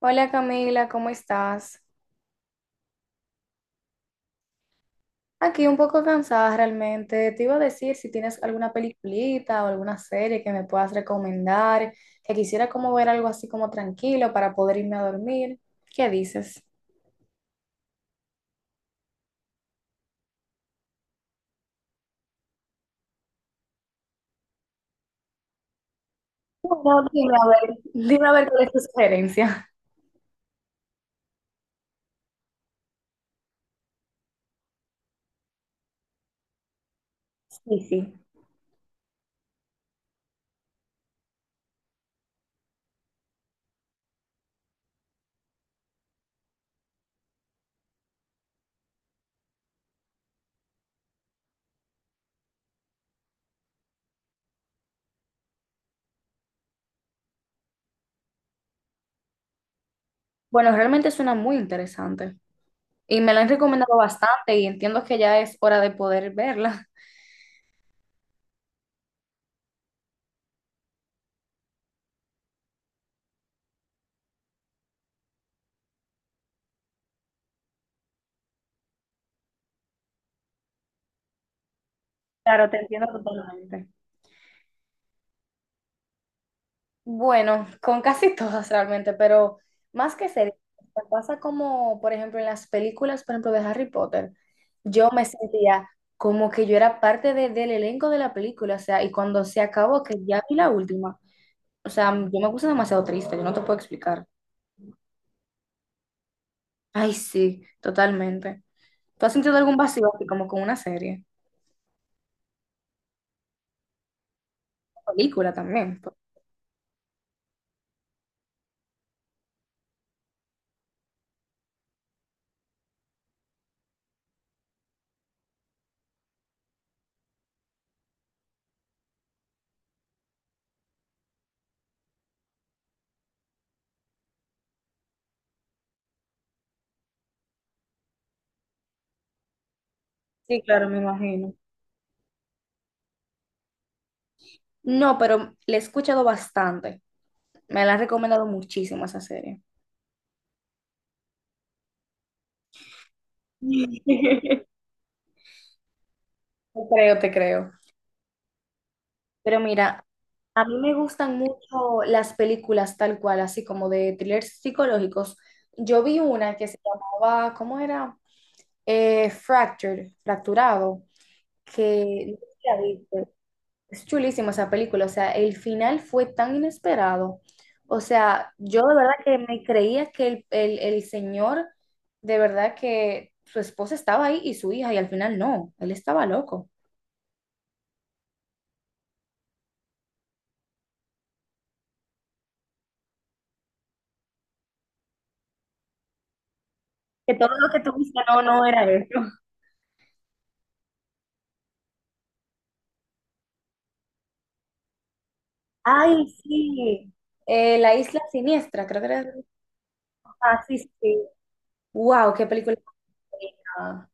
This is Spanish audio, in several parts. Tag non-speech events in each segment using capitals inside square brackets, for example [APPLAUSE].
Hola Camila, ¿cómo estás? Aquí un poco cansada realmente. Te iba a decir si tienes alguna peliculita o alguna serie que me puedas recomendar, que quisiera como ver algo así como tranquilo para poder irme a dormir. ¿Qué dices? Bueno, dime a ver cuál es tu sugerencia. Sí, sí. Bueno, realmente suena muy interesante y me la han recomendado bastante y entiendo que ya es hora de poder verla. Claro, te entiendo totalmente. Bueno, con casi [LAUGHS] todas realmente, pero más que series, me pasa como, por ejemplo, en las películas, por ejemplo, de Harry Potter, yo me sentía como que yo era parte del elenco de la película, o sea, y cuando se acabó, que ya vi la última, o sea, yo me puse demasiado triste, yo no te puedo explicar. Ay, sí, totalmente. ¿Tú has sentido algún vacío así como con una serie? Película también, pues. Sí, claro, me imagino. No, pero le he escuchado bastante. Me la han recomendado muchísimo esa serie. [LAUGHS] Te creo, te creo. Pero mira, a mí me gustan mucho las películas tal cual, así como de thrillers psicológicos. Yo vi una que se llamaba, ¿cómo era? Fractured, Fracturado, que no sé si la viste. Es chulísima esa película, o sea, el final fue tan inesperado. O sea, yo de verdad que me creía que el señor, de verdad que su esposa estaba ahí y su hija, y al final no, él estaba loco. Que todo lo que tú viste no, no era eso. Ay, sí. La Isla Siniestra, creo que era. Ah, sí, sí, sí. Wow, qué película bonita.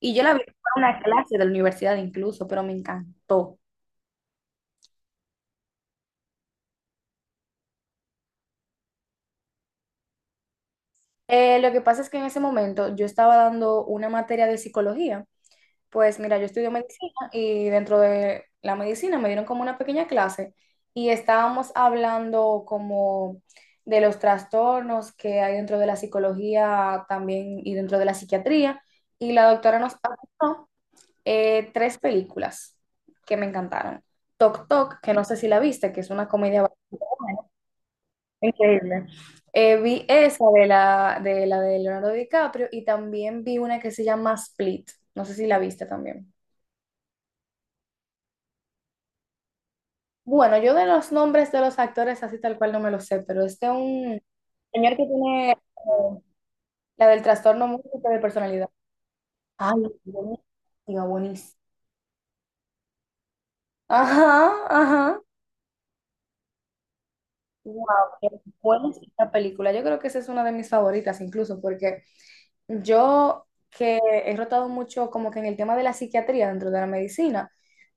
Y yo la vi en una clase de la universidad incluso, pero me encantó. Lo que pasa es que en ese momento yo estaba dando una materia de psicología. Pues mira, yo estudio medicina y dentro de la medicina me dieron como una pequeña clase y estábamos hablando como de los trastornos que hay dentro de la psicología también y dentro de la psiquiatría. Y la doctora nos apuntó tres películas que me encantaron. Tok Tok, que no sé si la viste, que es una comedia bastante increíble. Vi esa de la de Leonardo DiCaprio y también vi una que se llama Split. No sé si la viste también. Bueno, yo de los nombres de los actores así tal cual no me lo sé, pero este es de un señor que tiene la del trastorno múltiple de personalidad. Ay, buenísima, buenísima. Ajá, ajá. Wow, qué buena es esta película. Yo creo que esa es una de mis favoritas incluso, porque yo que he rotado mucho como que en el tema de la psiquiatría dentro de la medicina,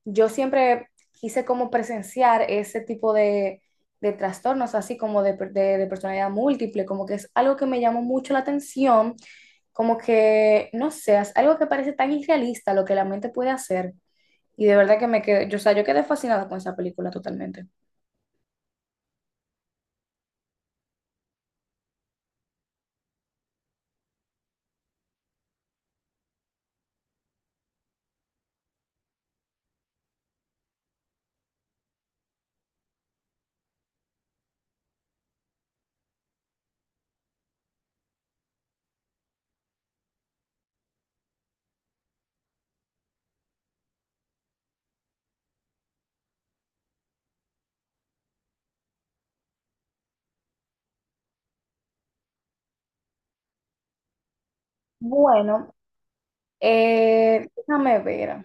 yo siempre quise como presenciar ese tipo de trastornos, así como de, de personalidad múltiple, como que es algo que me llamó mucho la atención, como que, no sé, es algo que parece tan irrealista lo que la mente puede hacer. Y de verdad que me quedé, yo, o sea, yo quedé fascinada con esa película totalmente. Bueno, déjame ver.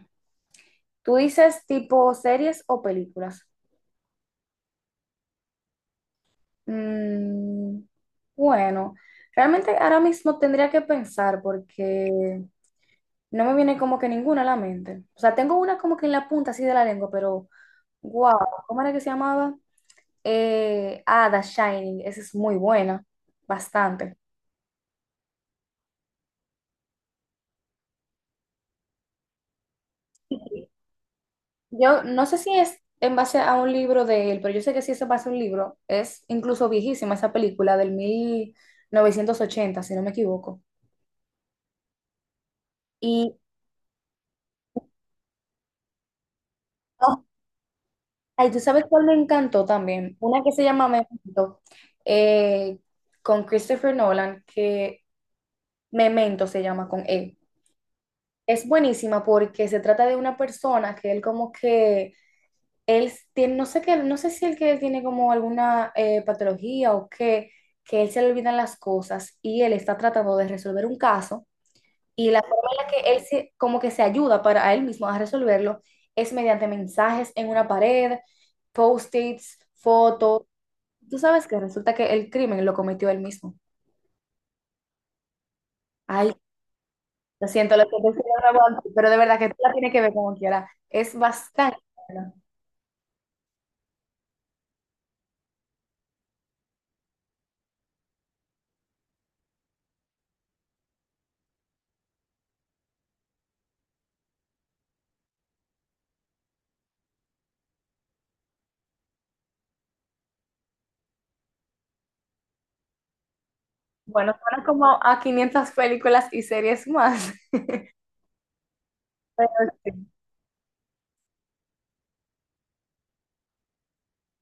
¿Tú dices tipo series o películas? Mm, bueno, realmente ahora mismo tendría que pensar porque no me viene como que ninguna a la mente. O sea, tengo una como que en la punta así de la lengua, pero wow, ¿cómo era que se llamaba? The Shining, esa es muy buena, bastante. Yo no sé si es en base a un libro de él, pero yo sé que sí es en base a un libro. Es incluso viejísima esa película del 1980 si no me equivoco. Y, oh, ay, ¿tú sabes cuál me encantó también? Una que se llama Memento, eh, con Christopher Nolan, que Memento se llama con él. Es buenísima porque se trata de una persona que él como que él tiene, no sé qué, no sé si él que tiene como alguna patología o qué, que él se le olvidan las cosas y él está tratando de resolver un caso y la forma en la que él se, como que se ayuda para a él mismo a resolverlo es mediante mensajes en una pared, post-its, fotos. Tú sabes que resulta que el crimen lo cometió él mismo. Ay, lo siento, sí, lo aguanto, pero de verdad que tú la tienes que ver como quiera. Es bastante bueno. Bueno, suena como a 500 películas y series más. Pero sí,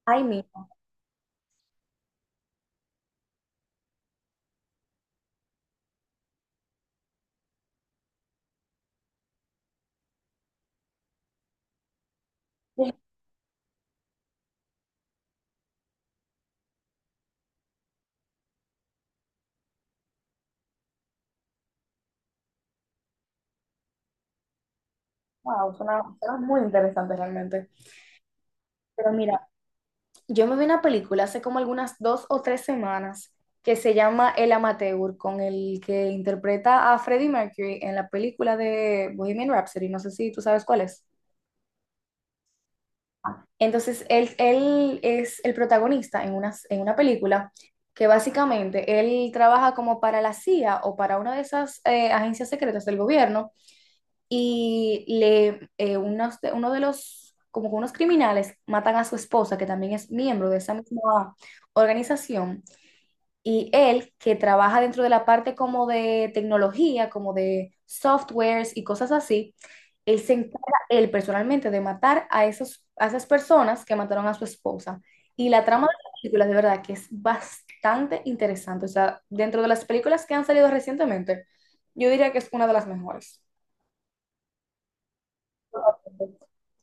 ahí mismo. Dije, Wow, suena muy interesante realmente. Pero mira, yo me vi una película hace como algunas 2 o 3 semanas que se llama El Amateur, con el que interpreta a Freddie Mercury en la película de Bohemian Rhapsody. No sé si tú sabes cuál es. Entonces, él es el protagonista en una, película que básicamente él trabaja como para la CIA o para una de esas agencias secretas del gobierno y le, uno de los, como que unos criminales matan a su esposa, que también es miembro de esa misma organización, y él, que trabaja dentro de la parte como de tecnología, como de softwares y cosas así, él se encarga, él personalmente, de matar a esos, a esas personas que mataron a su esposa. Y la trama de las películas, de verdad, que es bastante interesante. O sea, dentro de las películas que han salido recientemente, yo diría que es una de las mejores.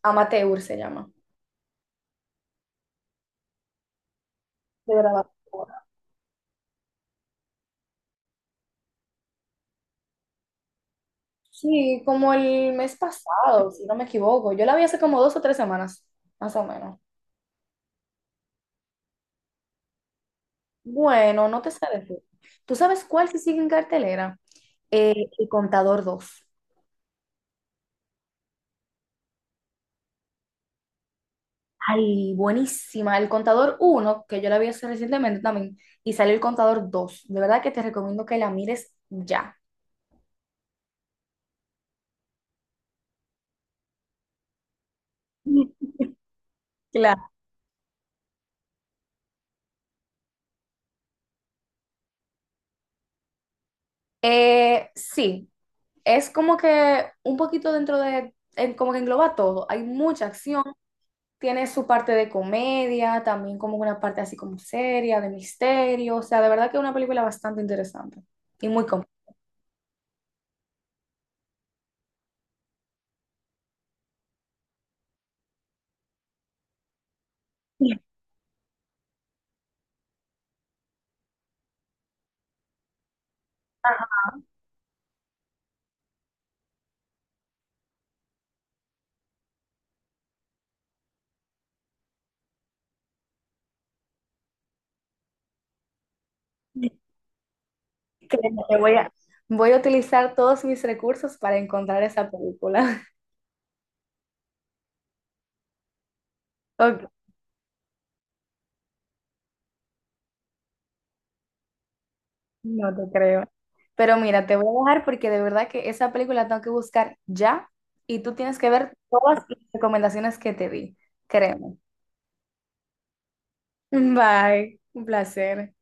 Amateur se llama de grabación. Sí, como el mes pasado, si no me equivoco. Yo la vi hace como 2 o 3 semanas, más o menos. Bueno, no te sé decir. ¿Tú sabes cuál se sigue en cartelera? El Contador dos. Ay, buenísima. El Contador uno que yo la vi hace recientemente también, y salió El Contador dos. De verdad que te recomiendo que la mires ya. [LAUGHS] Claro. Sí, es como que un poquito dentro de, como que engloba todo. Hay mucha acción, tiene su parte de comedia, también como una parte así como seria, de misterio. O sea, de verdad que es una película bastante interesante y muy completa. [LAUGHS] Créeme que voy a utilizar todos mis recursos para encontrar esa película. [LAUGHS] Ok, no te creo. Pero mira, te voy a dejar porque de verdad que esa película tengo que buscar ya y tú tienes que ver todas las recomendaciones que te di. Créeme. [LAUGHS] Bye, un placer.